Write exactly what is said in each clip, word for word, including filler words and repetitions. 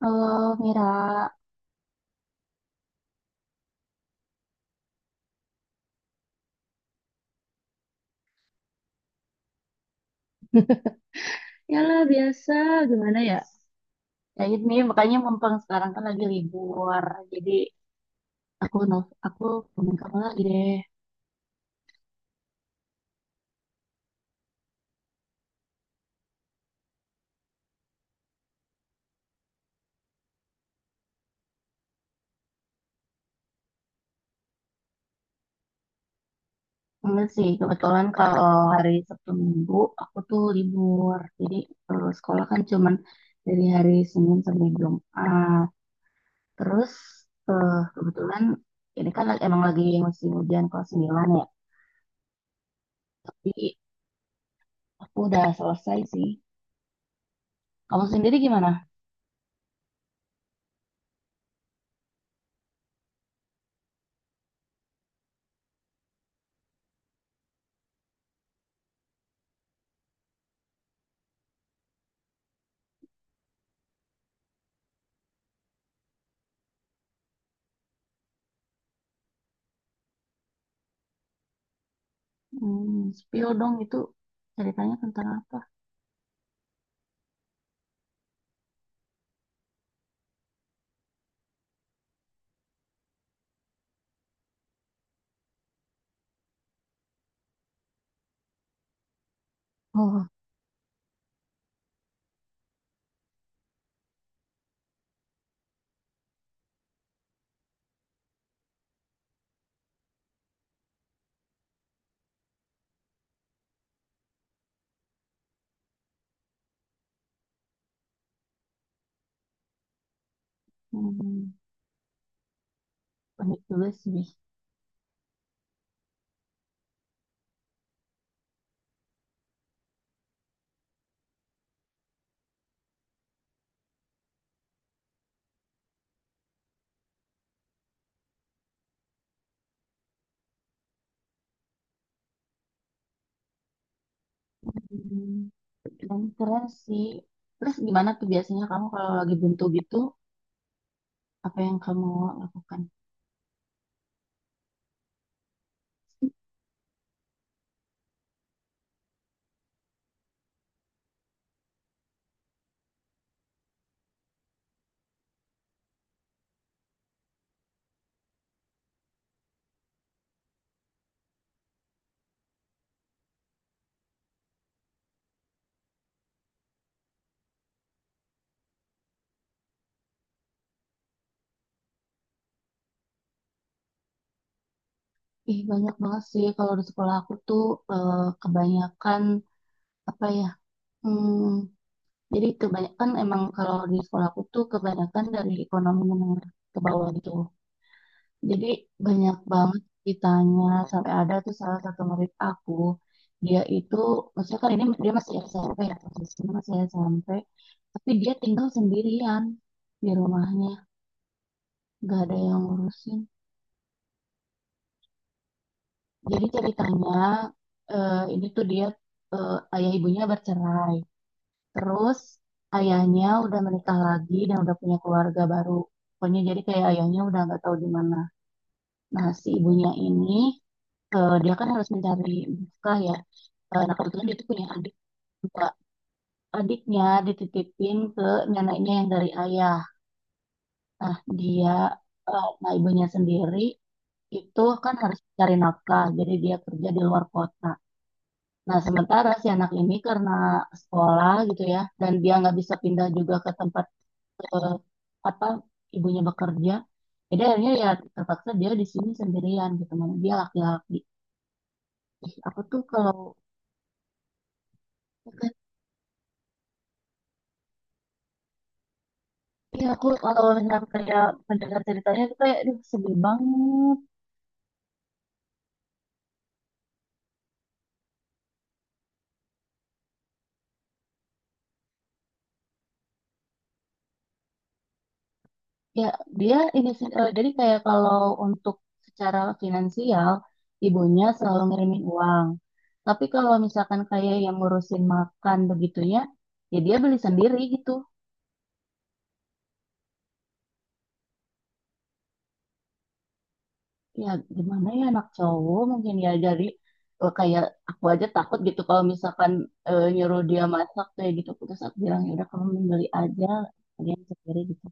Halo, Mira. Yalah biasa, gimana ya? Ya ini makanya mumpung sekarang kan lagi libur. Jadi aku nol, aku temen kamu lagi deh. Enggak sih, kebetulan kalau hari Sabtu Minggu aku tuh libur. Jadi kalau sekolah kan cuman dari hari Senin sampai Jumat. Terus eh, kebetulan ini kan lagi- emang lagi musim hujan kelas sembilan ya. Tapi aku udah selesai sih. Kamu sendiri gimana? Hmm, spill dong, itu ceritanya tentang apa? Oh. Hmm, unik juga sih. Hmm, dan keren sih. Terus gimana tuh biasanya kamu kalau lagi buntu gitu, apa yang kamu lakukan? Ih, banyak banget sih kalau di sekolah aku tuh, eh, kebanyakan apa ya? Hmm, jadi kebanyakan emang kalau di sekolah aku tuh kebanyakan dari ekonomi menengah ke bawah gitu. Jadi banyak banget ditanya, sampai ada tuh salah satu murid aku, dia itu maksudnya kan ini dia masih S M P ya, posisinya masih S M P, tapi dia tinggal sendirian di rumahnya, gak ada yang ngurusin. Jadi ceritanya eh, ini tuh dia, eh, ayah ibunya bercerai, terus ayahnya udah menikah lagi dan udah punya keluarga baru. Pokoknya jadi kayak ayahnya udah nggak tahu di mana. Nah, si ibunya ini, eh, dia kan harus mencari nafkah ya. Eh, nah, kebetulan dia tuh punya adik dua. Adiknya dititipin ke neneknya yang dari ayah. Nah, dia, eh, nah, ibunya sendiri itu kan harus cari nafkah, jadi dia kerja di luar kota. Nah, sementara si anak ini karena sekolah gitu ya, dan dia nggak bisa pindah juga ke tempat eh, apa ibunya bekerja, jadi akhirnya ya terpaksa dia di sini sendirian gitu, mana dia laki-laki. Ih, aku tuh kalau, ya aku kalau mendengar kayak mendengar ceritanya tuh kayak aduh sedih banget. Ya dia ini sih, eh, jadi kayak kalau untuk secara finansial ibunya selalu ngirimin uang, tapi kalau misalkan kayak yang ngurusin makan begitunya ya dia beli sendiri gitu. Ya gimana ya, anak cowok mungkin ya, jadi eh, kayak aku aja takut gitu kalau misalkan eh, nyuruh dia masak kayak gitu. Terus aku bilang ya udah, kamu beli aja kalian sendiri gitu.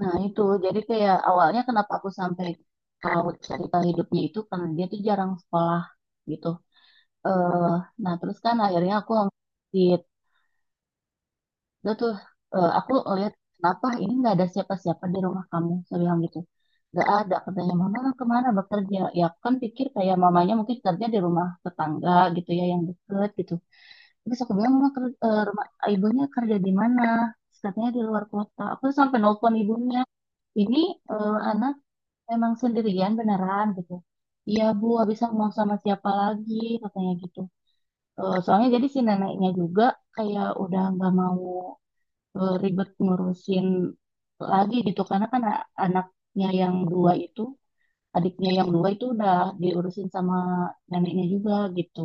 Nah, itu jadi kayak awalnya kenapa aku sampai tahu cerita hidupnya itu karena dia tuh jarang sekolah gitu. eh nah, terus kan akhirnya aku ngeliat dia tuh, eh, aku ngeliat kenapa ini nggak ada siapa-siapa di rumah kamu, saya bilang gitu. Nggak ada, katanya. Mama kemana bekerja? Ya aku kan pikir kayak mamanya mungkin kerja di rumah tetangga gitu ya yang deket gitu. Terus aku bilang mama ker- eh, rumah ibunya kerja di mana? Terus katanya di luar kota. Aku sampai nelfon ibunya, ini anak emang sendirian beneran gitu. Iya Bu, habis aku mau sama siapa lagi, katanya gitu. Eh, soalnya jadi si neneknya juga kayak udah nggak mau, eh, ribet ngurusin lagi gitu, karena kan a- anaknya yang dua itu, adiknya yang dua itu udah diurusin sama neneknya juga gitu.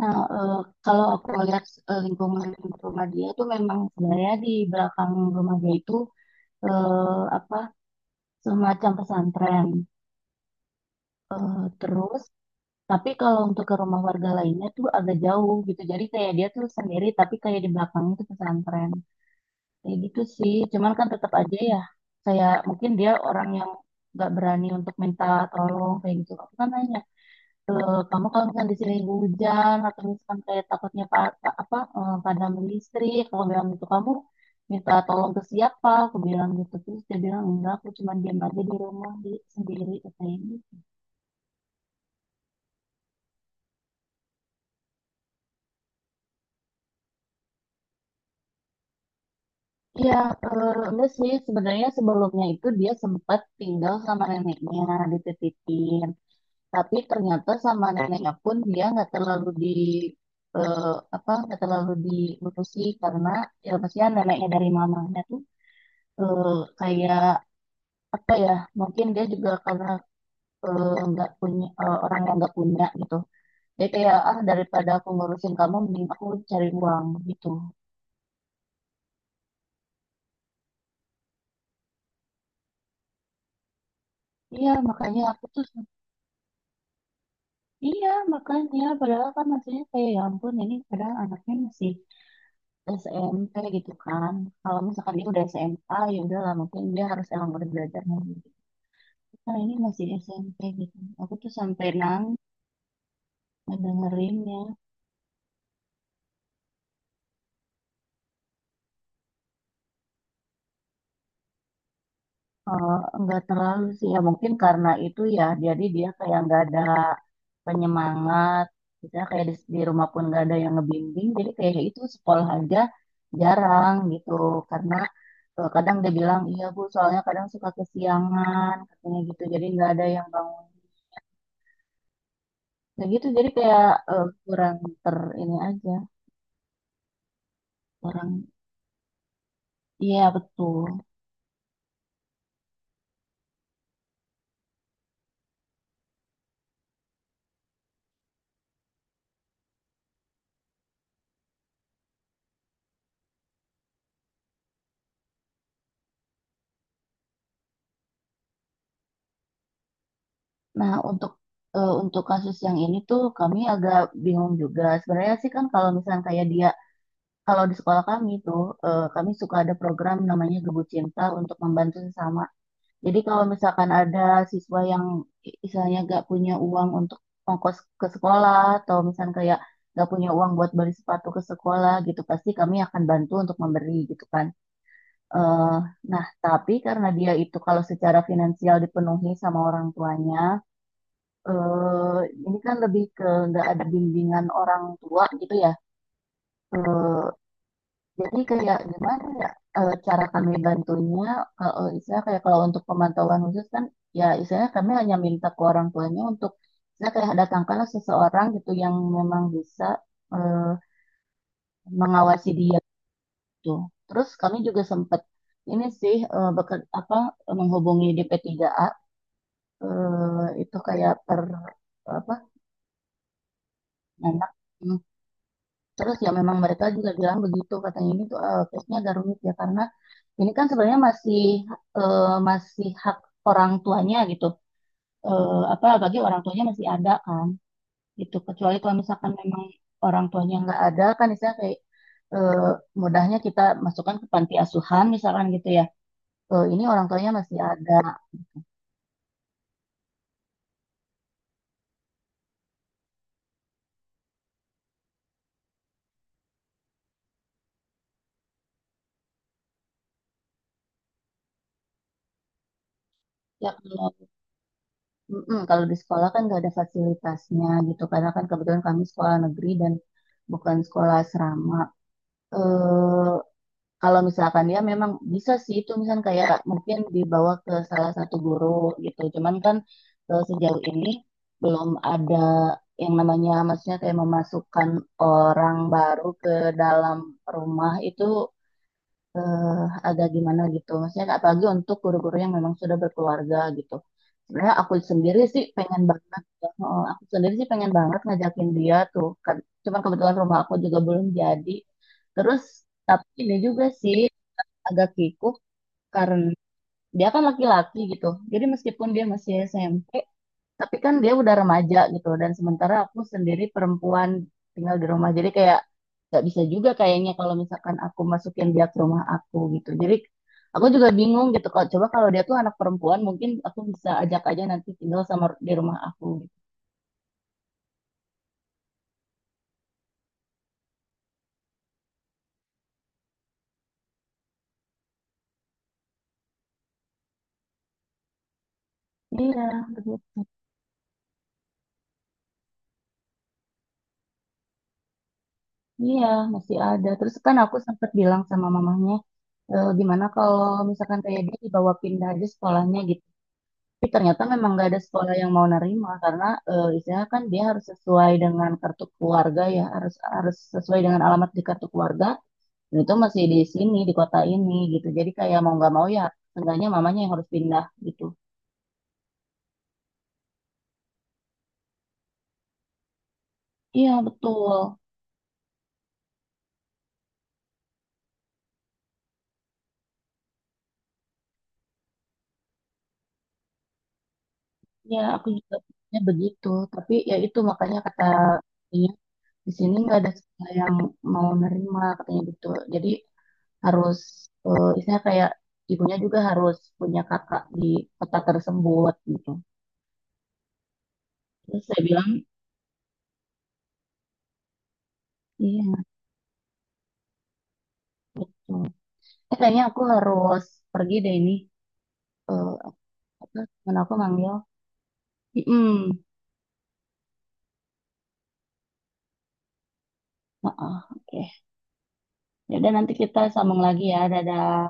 Nah, eh, kalau aku lihat eh, lingkungan rumah dia tuh memang sebenarnya di belakang rumah dia itu eh, apa semacam pesantren. Eh, terus tapi kalau untuk ke rumah warga lainnya tuh agak jauh gitu. Jadi kayak dia tuh sendiri, tapi kayak di belakangnya tuh pesantren. Kayak gitu sih. Cuman kan tetap aja ya. Saya, mungkin dia orang yang nggak berani untuk minta tolong kayak gitu. Aku kan nanya, "E, kamu kalau misalnya di sini hujan atau misalkan kayak takutnya pa- pa- apa eh, padam listrik, kalau bilang gitu kamu minta tolong ke siapa? Aku bilang gitu, terus dia bilang enggak, aku cuma diam aja di rumah di sendiri, katanya. Iya, eh, enggak sih. Sebenarnya sebelumnya itu dia sempat tinggal sama neneknya, dititipin. Tapi ternyata sama neneknya pun dia nggak terlalu di eh, apa nggak terlalu diurusi, karena ya maksudnya neneknya dari mamanya tuh, eh, kayak apa ya? Mungkin dia juga karena eh, nggak punya eh, orang yang nggak punya gitu. Dia kayak ah, daripada aku ngurusin kamu, mending aku cari uang gitu. Iya, makanya aku tuh, iya makanya padahal kan maksudnya kayak ya ampun ini padahal anaknya masih S M P gitu kan. Kalau misalkan dia udah S M A ya udahlah, mungkin dia harus emang udah belajar lagi. Nah ini masih S M P gitu. Aku tuh sampai nang dengerinnya. Eh, nggak terlalu sih, ya mungkin karena itu ya, jadi dia kayak nggak ada penyemangat misalnya kayak di, di rumah pun nggak ada yang ngebimbing, jadi kayak itu sekolah aja jarang gitu karena eh, kadang dia bilang iya bu, soalnya kadang suka kesiangan, katanya gitu, jadi nggak ada yang bangun kayak gitu. Jadi kayak eh, kurang ter ini aja kurang, iya betul. Nah untuk eh, untuk kasus yang ini tuh kami agak bingung juga sebenarnya sih, kan kalau misalnya kayak dia, kalau di sekolah kami tuh, eh, kami suka ada program namanya Gebu Cinta untuk membantu sesama. Jadi kalau misalkan ada siswa yang misalnya gak punya uang untuk ongkos ke sekolah atau misalnya kayak gak punya uang buat beli sepatu ke sekolah gitu, pasti kami akan bantu untuk memberi gitu kan. Eh, nah, tapi karena dia itu kalau secara finansial dipenuhi sama orang tuanya, eh, ini kan lebih ke nggak ada bimbingan orang tua gitu ya. Eh, jadi kayak gimana ya, eh, cara kami bantunya kalau misalnya kayak kalau untuk pemantauan khusus kan, ya istilahnya kami hanya minta ke orang tuanya untuk, saya kayak datangkanlah seseorang gitu yang memang bisa eh, mengawasi dia gitu. Terus kami juga sempat ini sih, eh, beker- apa menghubungi D P tiga A, eh, itu kayak per apa anak. Hmm. Terus ya memang mereka juga bilang begitu, katanya ini tuh eh, case-nya agak rumit ya, karena ini kan sebenarnya masih eh, masih hak orang tuanya gitu. Eh, apa bagi orang tuanya masih ada kan gitu. Kecuali kalau misalkan memang orang tuanya nggak ada kan, misalnya kayak eh, mudahnya kita masukkan ke panti asuhan misalkan gitu ya. Eh, ini orang tuanya masih ada. Ya kalau, mm-mm, kalau di sekolah kan nggak ada fasilitasnya gitu karena kan kebetulan kami sekolah negeri dan bukan sekolah asrama. Eh, kalau misalkan dia memang bisa sih itu, misalkan kayak mungkin dibawa ke salah satu guru gitu. Cuman kan eh, sejauh ini belum ada yang namanya maksudnya kayak memasukkan orang baru ke dalam rumah itu eh, agak gimana gitu. Maksudnya apalagi untuk guru-guru yang memang sudah berkeluarga gitu. Sebenarnya aku sendiri sih pengen banget, eh, aku sendiri sih pengen banget ngajakin dia tuh. Kan- Cuman kebetulan rumah aku juga belum jadi. Terus tapi ini juga sih agak kikuk karena dia kan laki-laki gitu. Jadi meskipun dia masih S M P, tapi kan dia udah remaja gitu. Dan sementara aku sendiri perempuan tinggal di rumah. Jadi kayak nggak bisa juga kayaknya kalau misalkan aku masukin dia ke rumah aku gitu. Jadi aku juga bingung gitu. Kalau coba kalau dia tuh anak perempuan, mungkin aku bisa ajak aja nanti tinggal sama di rumah aku. Gitu. Iya, betul. Iya, masih ada. Terus kan aku sempat bilang sama mamanya, e, gimana kalau misalkan kayak dia dibawa pindah aja sekolahnya. Tapi ternyata memang nggak ada sekolah yang mau nerima karena eh, istilahnya kan dia harus sesuai dengan kartu keluarga ya, harus harus sesuai dengan alamat di kartu keluarga, dan itu masih di sini di kota ini gitu. Jadi kayak mau nggak mau ya, seenggaknya mamanya yang harus pindah gitu. Iya betul, ya aku juga pikirnya begitu. Tapi ya itu makanya kata dia, di sini nggak ada sekolah yang mau nerima, katanya gitu. Jadi harus eh, istilahnya kayak ibunya juga harus punya kakak di kota tersebut gitu. Terus saya bilang, iya, betul. Eh, kayaknya aku harus pergi deh ini. Eh, apa, teman aku manggil. Hmm, maaf. Oke. Yaudah, nanti kita sambung lagi ya. Dadah.